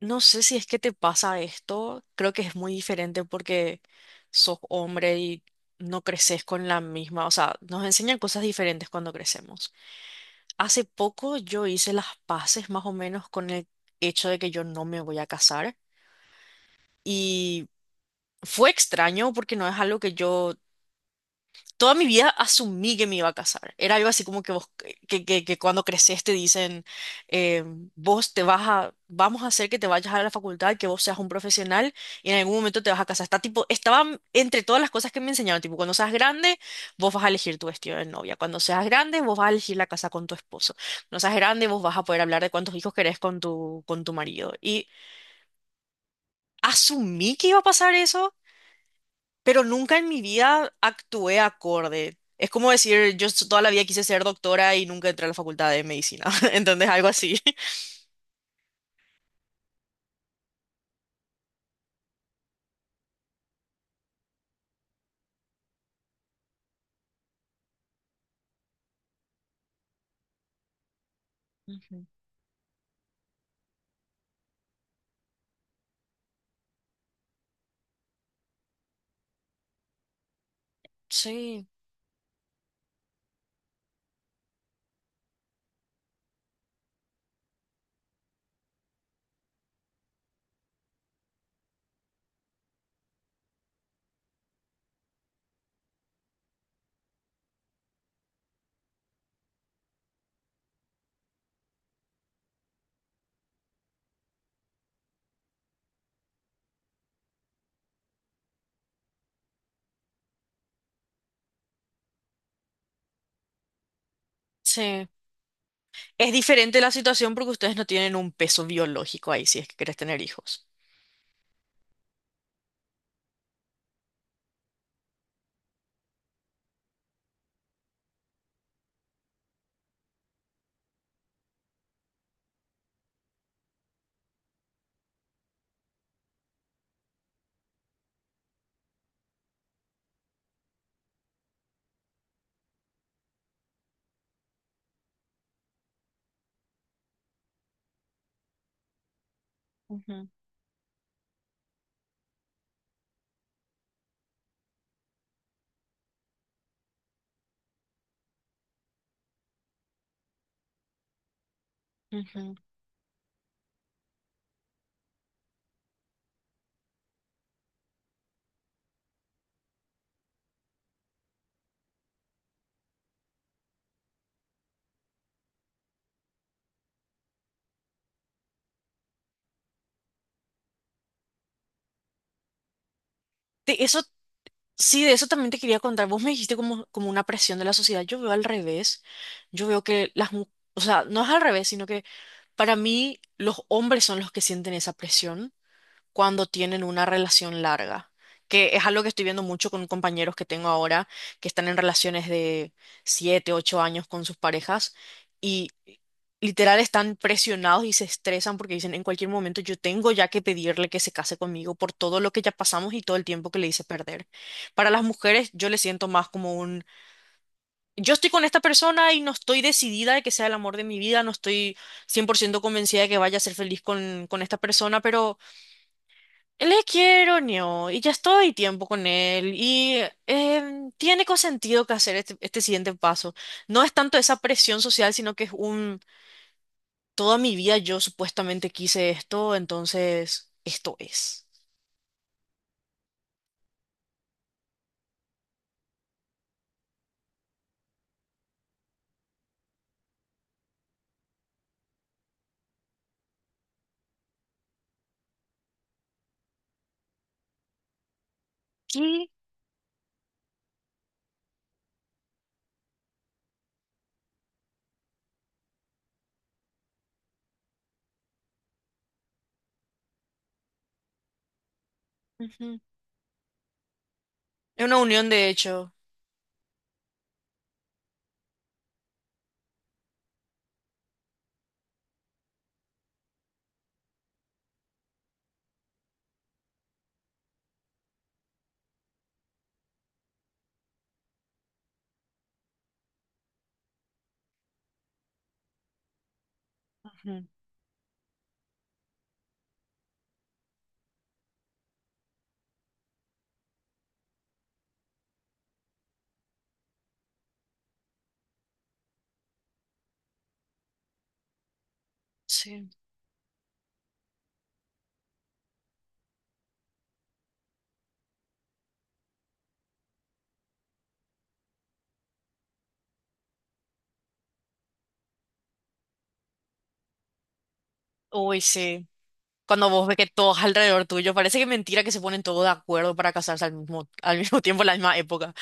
No sé si es que te pasa esto, creo que es muy diferente porque sos hombre y no creces con la misma, o sea, nos enseñan cosas diferentes cuando crecemos. Hace poco yo hice las paces más o menos con el hecho de que yo no me voy a casar y fue extraño porque no es algo que yo toda mi vida asumí que me iba a casar. Era algo así como que vos, que cuando creces te dicen, eh, vos te vas a, vamos a hacer que te vayas a la facultad, que vos seas un profesional y en algún momento te vas a casar. Está tipo, estaba entre todas las cosas que me enseñaron, tipo, cuando seas grande, vos vas a elegir tu vestido de novia. Cuando seas grande, vos vas a elegir la casa con tu esposo. Cuando seas grande, vos vas a poder hablar de cuántos hijos querés con tu marido. Y asumí que iba a pasar eso, pero nunca en mi vida actué acorde. Es como decir, toda la vida quise ser doctora y nunca entré a la facultad de medicina. ¿Entendés? Algo así. Ujú. Sí, sí. Es diferente la situación porque ustedes no tienen un peso biológico ahí si es que querés tener hijos. Ujú, ujú. Eso, sí, de eso también te quería contar. Vos me dijiste como una presión de la sociedad. Yo veo al revés. Yo veo que las mujeres, o sea, no es al revés, sino que para mí los hombres son los que sienten esa presión cuando tienen una relación larga, que es algo que estoy viendo mucho con compañeros que tengo ahora, que están en relaciones de 7 8 años con sus parejas y literal están presionados y se estresan porque dicen, en cualquier momento yo tengo ya que pedirle que se case conmigo por todo lo que ya pasamos y todo el tiempo que le hice perder. Para las mujeres yo le siento más yo estoy con esta persona y no estoy decidida de que sea el amor de mi vida, no estoy 100% convencida de que vaya a ser feliz con esta persona, pero le quiero, Neo, y ya estoy tiempo con él, y tiene consentido que hacer este, este siguiente paso. No es tanto esa presión social, sino que toda mi vida yo supuestamente quise esto, entonces esto es. ¿Qué? Ujú. Es una unión, de hecho. Ujú. Sí. Uy, sí. Cuando vos ves que todos alrededor tuyo, parece que es mentira que se ponen todos de acuerdo para casarse al mismo tiempo, en la misma época.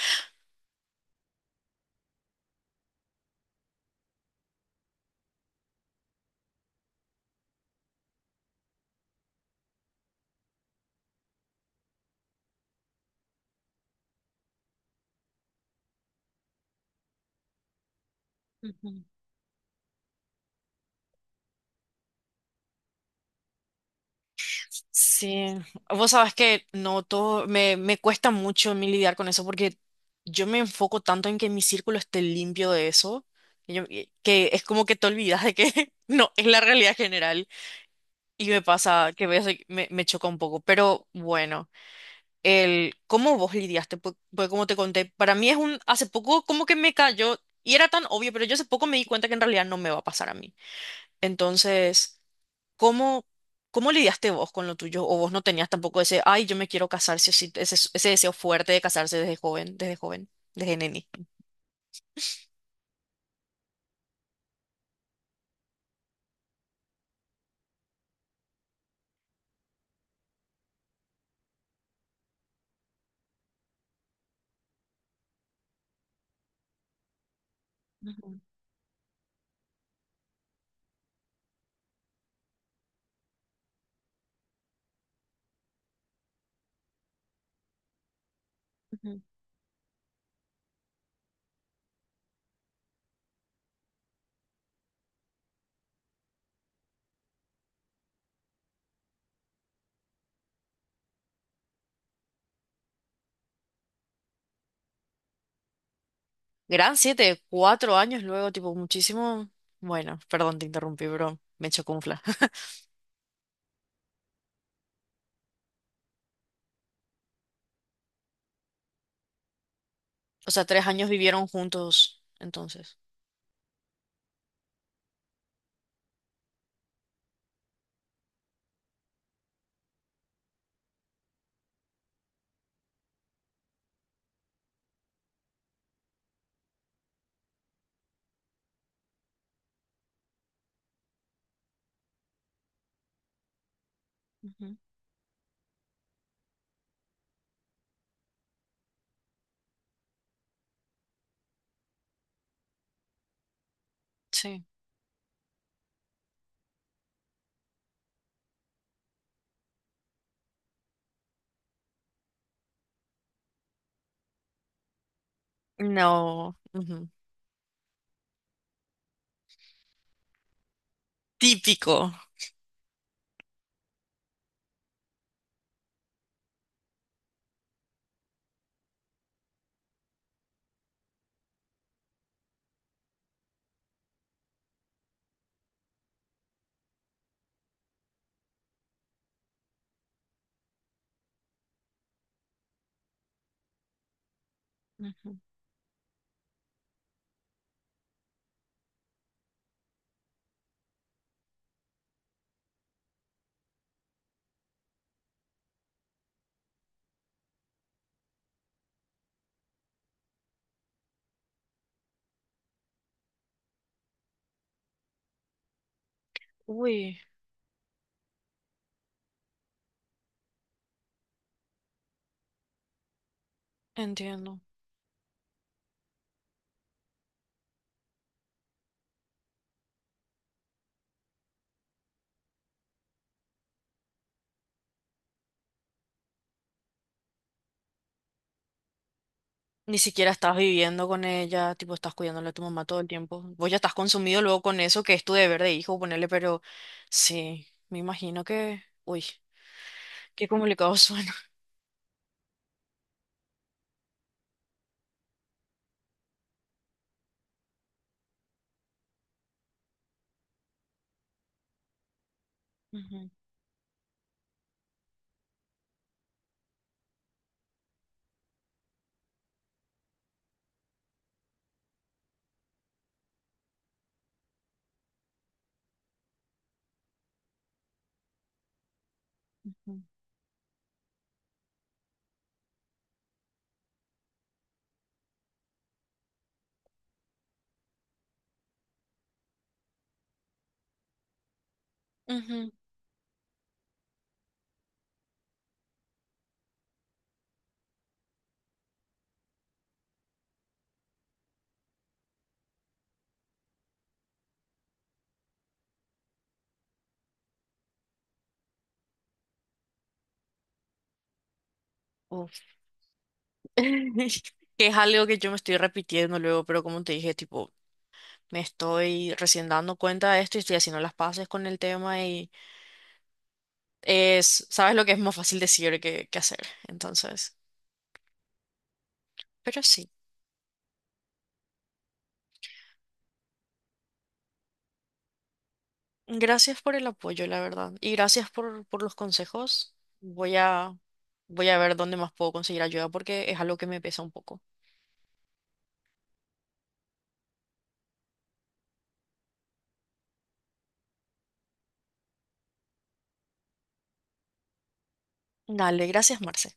Sí, vos sabés que no todo, me cuesta mucho a mí lidiar con eso porque yo me enfoco tanto en que mi círculo esté limpio de eso, que es como que te olvidas de que no es la realidad general y me pasa que ves, me choca un poco, pero bueno, el cómo vos lidiaste, pues como te conté, para mí es un, hace poco como que me cayó y era tan obvio, pero yo hace poco me di cuenta que en realidad no me va a pasar a mí. Entonces, ¿cómo, cómo lidiaste vos con lo tuyo? ¿O vos no tenías tampoco ese, ay, yo me quiero casar, sí o sí", ese deseo fuerte de casarse desde joven, desde neni? Gran siete, 4 años luego, tipo, muchísimo. Bueno, perdón, te interrumpí, bro. Me chocunfla. O sea, 3 años vivieron juntos, entonces. Ujú. Sí. No. Ujú. Típico. Ujú. Uy, entiendo. Ni siquiera estás viviendo con ella, tipo, estás cuidándole a tu mamá todo el tiempo. Vos ya estás consumido luego con eso, que es tu deber de hijo, ponerle, pero sí, me imagino que, uy, qué complicado suena. Ujú, ujú, ujú. Uf. Que es algo que yo me estoy repitiendo luego, pero como te dije, tipo, me estoy recién dando cuenta de esto y estoy haciendo las paces con el tema y es, sabes lo que es más fácil decir que hacer, entonces, pero sí. Gracias por el apoyo, la verdad. Y gracias por los consejos. Voy a, voy a ver dónde más puedo conseguir ayuda porque es algo que me pesa un poco. Dale, gracias, Marce.